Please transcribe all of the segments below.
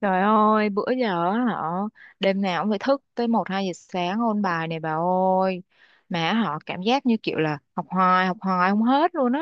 Trời ơi, bữa giờ á họ đêm nào cũng phải thức tới một 2 giờ sáng ôn bài này bà ơi. Mà họ cảm giác như kiểu là học hoài không hết luôn á.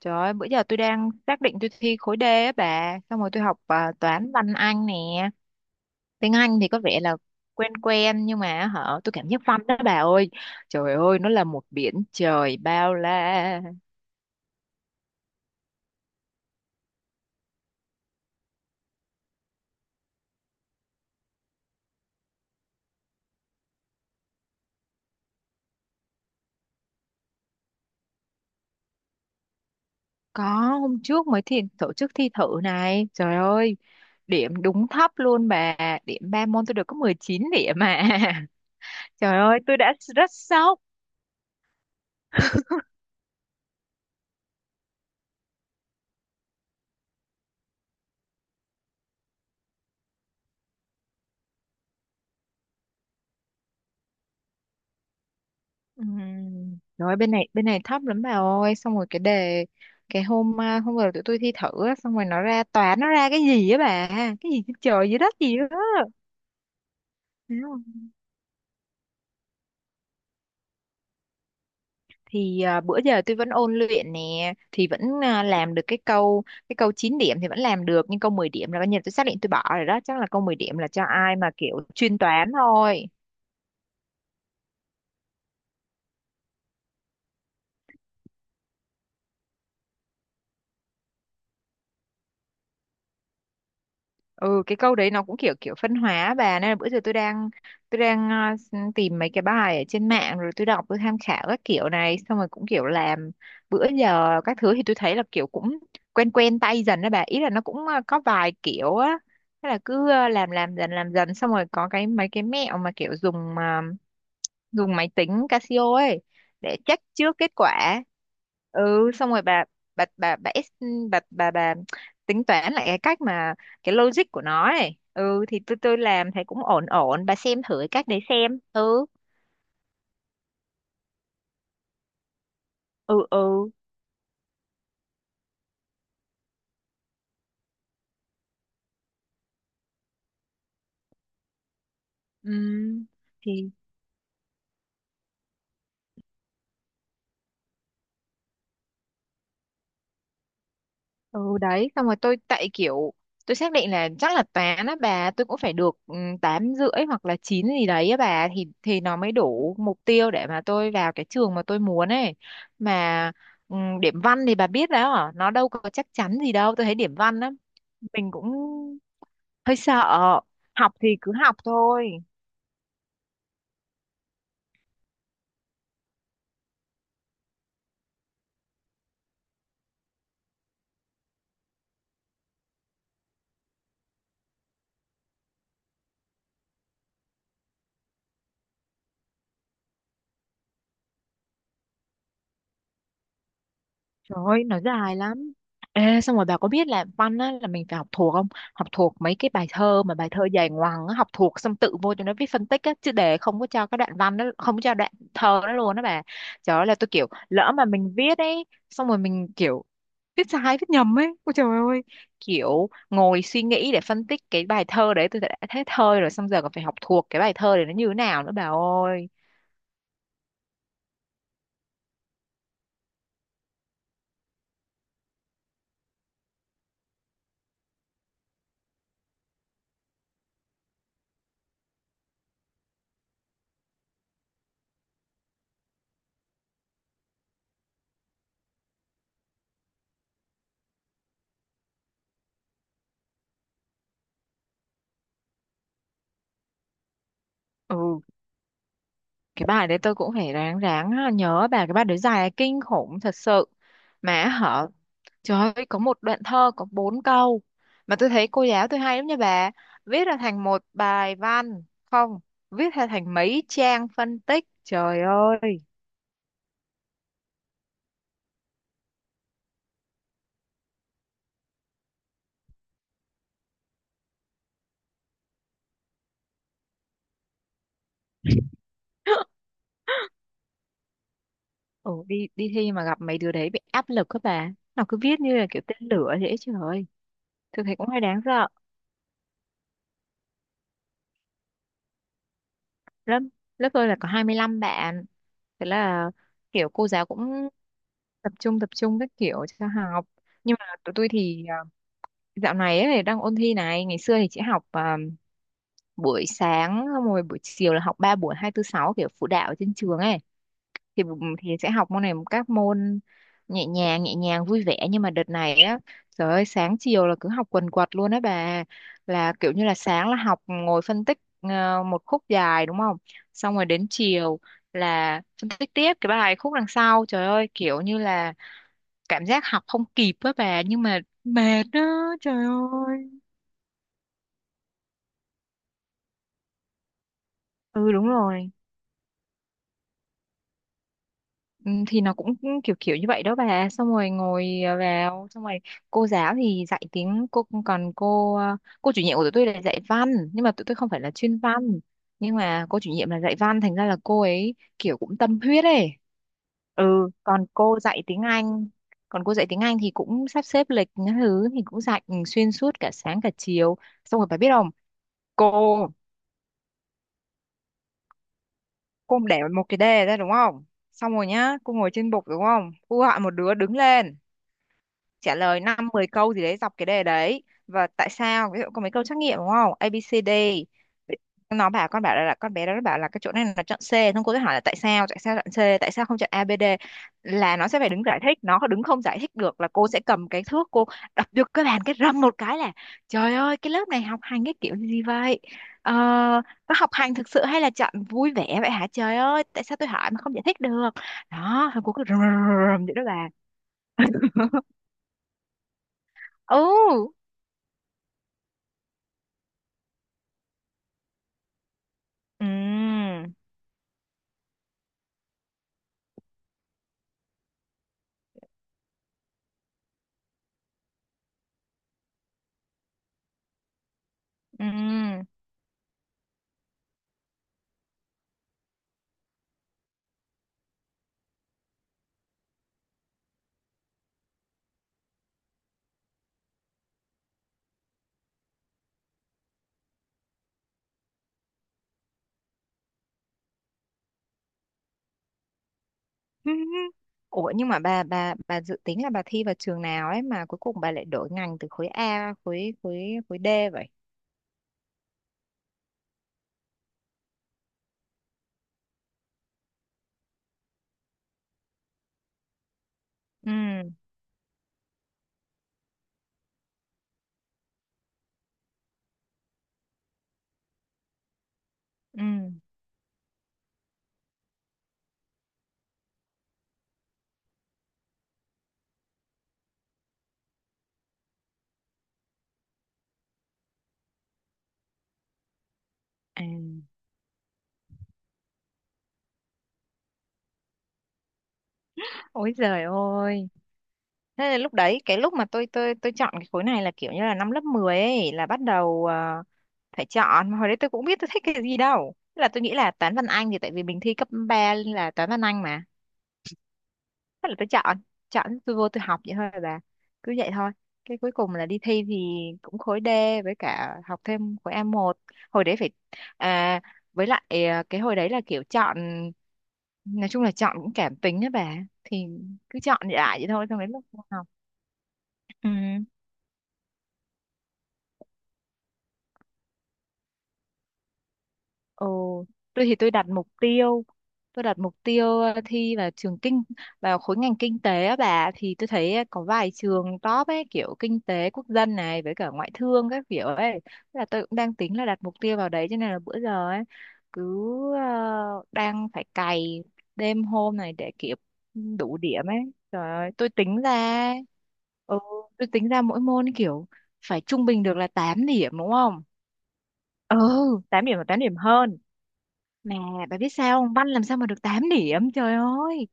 Trời ơi, bữa giờ tôi đang xác định tôi thi khối D á bà, xong rồi tôi học toán văn Anh nè. Tiếng Anh thì có vẻ là quen quen nhưng mà họ tôi cảm giác văn đó bà ơi. Trời ơi, nó là một biển trời bao la. Có, hôm trước mới thi tổ chức thi thử này. Trời ơi, điểm đúng thấp luôn bà. Điểm 3 môn tôi được có 19 điểm mà. Trời ơi, tôi đã rất sốc. Rồi bên này thấp lắm bà ơi, xong rồi cái đề hôm rồi tụi tôi thi thử á, xong rồi nó ra toán nó ra cái gì á bà, cái gì trên trời dưới đất gì đó. Thấy không? Bữa giờ tôi vẫn ôn luyện nè thì làm được cái câu 9 điểm thì vẫn làm được, nhưng câu 10 điểm là coi như là tôi xác định tôi bỏ rồi đó, chắc là câu 10 điểm là cho ai mà kiểu chuyên toán thôi. Ừ, cái câu đấy nó cũng kiểu kiểu phân hóa á bà, nên là bữa giờ tôi đang ờ, s- tìm mấy cái bài ở trên mạng rồi tôi đọc tôi tham khảo các kiểu này xong rồi cũng kiểu làm. Bữa giờ các thứ thì tôi thấy là kiểu cũng quen quen tay dần đó bà, ý là nó cũng có vài kiểu á, thế là cứ làm dần xong rồi có cái mấy cái mẹo mà kiểu dùng máy tính Casio ấy để check trước kết quả. Ừ, xong rồi bà bà bà bà tính toán lại cái cách mà cái logic của nó ấy. Ừ thì tôi làm thấy cũng ổn ổn bà, xem thử cái cách đấy xem. Ừ Ừ, ừ. Ừm, thì ừ đấy xong rồi tôi tại kiểu tôi xác định là chắc là toán á bà, tôi cũng phải được 8,5 hoặc là chín gì đấy á bà, thì nó mới đủ mục tiêu để mà tôi vào cái trường mà tôi muốn ấy. Mà điểm văn thì bà biết đó hả? Nó đâu có chắc chắn gì đâu, tôi thấy điểm văn á, mình cũng hơi sợ, học thì cứ học thôi. Trời ơi, nó dài lắm. Ê, xong rồi bà có biết là văn á, là mình phải học thuộc không? Học thuộc mấy cái bài thơ mà bài thơ dài ngoằng á, học thuộc xong tự vô cho nó viết phân tích á, chứ để không có cho cái đoạn văn đó, không có cho đoạn thơ đó luôn đó bà. Trời ơi là tôi kiểu lỡ mà mình viết ấy, xong rồi mình kiểu viết sai viết nhầm ấy. Ôi trời ơi, kiểu ngồi suy nghĩ để phân tích cái bài thơ đấy, tôi đã thấy thơ rồi xong giờ còn phải học thuộc cái bài thơ để nó như thế nào nữa bà ơi. Ừ, cái bài đấy tôi cũng phải ráng ráng nhớ bà, cái bài đấy dài kinh khủng thật sự mà hả. Trời ơi, có một đoạn thơ có 4 câu mà tôi thấy cô giáo tôi hay lắm nha bà, viết ra thành một bài văn không, viết ra thành mấy trang phân tích, trời ơi. Ồ, đi đi thi mà gặp mấy đứa đấy bị áp lực các bà, nó cứ viết như là kiểu tên lửa thế, trời ơi, tôi thấy cũng hơi đáng sợ. Lớp lớp tôi là có 25 bạn, thế là kiểu cô giáo cũng tập trung các kiểu cho học, nhưng mà tụi tôi thì dạo này ấy, đang ôn thi này, ngày xưa thì chỉ học buổi sáng xong rồi buổi chiều là học 3 buổi hai tư sáu kiểu phụ đạo ở trên trường ấy, thì thì sẽ học môn này, các môn nhẹ nhàng vui vẻ, nhưng mà đợt này á trời ơi, sáng chiều là cứ học quần quật luôn á bà, là kiểu như là sáng là học ngồi phân tích một khúc dài đúng không, xong rồi đến chiều là phân tích tiếp cái bài khúc đằng sau. Trời ơi, kiểu như là cảm giác học không kịp á bà, nhưng mà mệt á, trời ơi. Ừ, đúng rồi. Ừ, thì nó cũng kiểu kiểu như vậy đó bà, xong rồi ngồi vào xong rồi cô giáo thì dạy tiếng, cô còn cô chủ nhiệm của tụi tôi là dạy văn, nhưng mà tụi tôi không phải là chuyên văn, nhưng mà cô chủ nhiệm là dạy văn thành ra là cô ấy kiểu cũng tâm huyết ấy. Ừ, còn cô dạy tiếng Anh, còn cô dạy tiếng Anh thì cũng sắp xếp lịch những thứ thì cũng dạy xuyên suốt cả sáng cả chiều, xong rồi bà biết không, cô cô để một cái đề ra đúng không, xong rồi nhá cô ngồi trên bục đúng không, cô gọi một đứa đứng lên trả lời 5 10 câu gì đấy dọc cái đề đấy và tại sao. Ví dụ có mấy câu trắc nghiệm đúng không, ABCD, nó bảo con bảo là con bé đó nó bảo là cái chỗ này là chọn C, xong cô sẽ hỏi là tại sao chọn C, tại sao không chọn ABD, là nó sẽ phải đứng giải thích, nó có đứng không giải thích được là cô sẽ cầm cái thước cô đập vô cái bàn cái râm một cái là, trời ơi, cái lớp này học hành cái kiểu gì vậy, ờ, có học hành thực sự hay là chọn vui vẻ vậy hả, trời ơi, tại sao tôi hỏi mà không giải thích được, đó thôi cô cứ rầm rầm rầm rầm vậy đó bà. Ừ, ừ, ừ. Ủa, nhưng mà bà dự tính là bà thi vào trường nào ấy mà cuối cùng bà lại đổi ngành từ khối A khối khối khối D vậy? Ừ, ừ. À. Ôi giời ơi. Thế là lúc đấy cái lúc mà tôi chọn cái khối này là kiểu như là năm lớp 10 ấy là bắt đầu phải chọn, mà hồi đấy tôi cũng biết tôi thích cái gì đâu. Thế là tôi nghĩ là toán văn Anh thì tại vì mình thi cấp 3 là toán văn Anh mà. Thế là tôi chọn, tôi vô tôi học vậy thôi bà. Cứ vậy thôi. Cái cuối cùng là đi thi thì cũng khối D với cả học thêm khối A1. Hồi đấy phải à, với lại cái hồi đấy là kiểu chọn, nói chung là chọn cũng cảm tính á bà, thì cứ chọn lại vậy thôi xong đến lúc vô học. Ừ. Ồ, tôi thì tôi đặt mục tiêu thi vào trường kinh vào khối ngành kinh tế á bà, thì tôi thấy có vài trường top ấy kiểu kinh tế quốc dân này với cả ngoại thương các kiểu ấy. Thế là tôi cũng đang tính là đặt mục tiêu vào đấy, cho nên là bữa giờ ấy cứ đang phải cày đêm hôm này để kịp đủ điểm ấy, trời ơi, ừ, tôi tính ra mỗi môn kiểu phải trung bình được là 8 điểm đúng không, ừ 8 điểm và 8 điểm hơn, mà bà biết sao không? Văn làm sao mà được 8 điểm, trời ơi.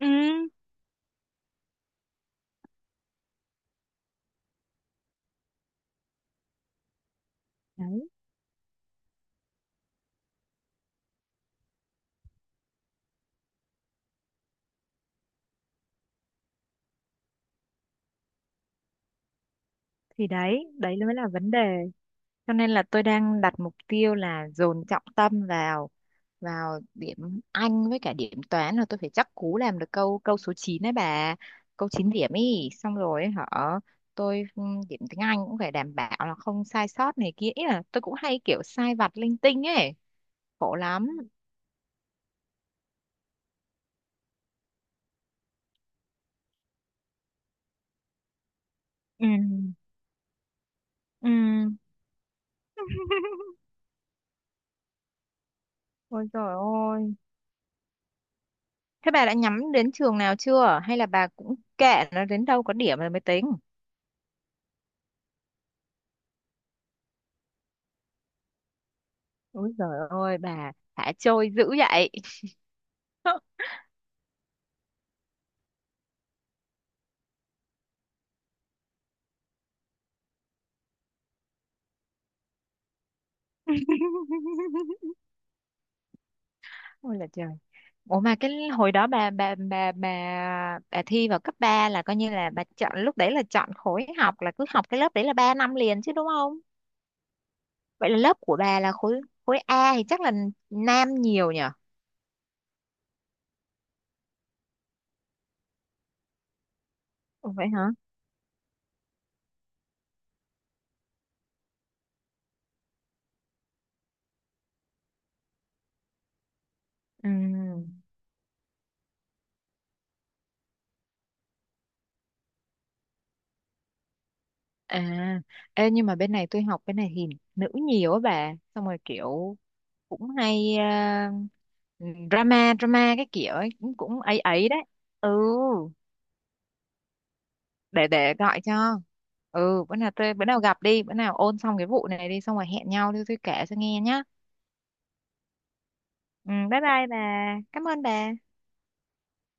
Ừ, đấy, thì đấy mới là vấn đề. Cho nên là tôi đang đặt mục tiêu là dồn trọng tâm vào vào điểm Anh với cả điểm toán, là tôi phải chắc cú làm được câu câu số 9 đấy bà. Câu chín điểm ý, xong rồi hả? Tôi điểm tiếng Anh cũng phải đảm bảo là không sai sót này kia. Ý là tôi cũng hay kiểu sai vặt linh tinh ấy, khổ lắm. Ừ, ừ. Ôi trời ơi. Thế bà đã nhắm đến trường nào chưa? Hay là bà cũng kệ nó đến đâu có điểm rồi mới tính? Ôi giời ơi, bà thả trôi dữ vậy. Ôi là trời. Ủa mà cái hồi đó bà thi vào cấp 3 là coi như là bà chọn lúc đấy là chọn khối học là cứ học cái lớp đấy là 3 năm liền chứ đúng không? Vậy là lớp của bà là khối khối A thì chắc là nam nhiều nhỉ? Ủa vậy hả? Ừ. À, ê, nhưng mà bên này tôi học bên này thì nữ nhiều á bà, xong rồi kiểu cũng hay ờ, drama drama cái kiểu ấy, cũng ấy ấy đấy. Ừ, để gọi cho. Ừ, bữa nào gặp đi, bữa nào ôn xong cái vụ này đi xong rồi hẹn nhau đi tôi kể cho nghe nhá. Ừ, bye bye bà. Cảm ơn bà.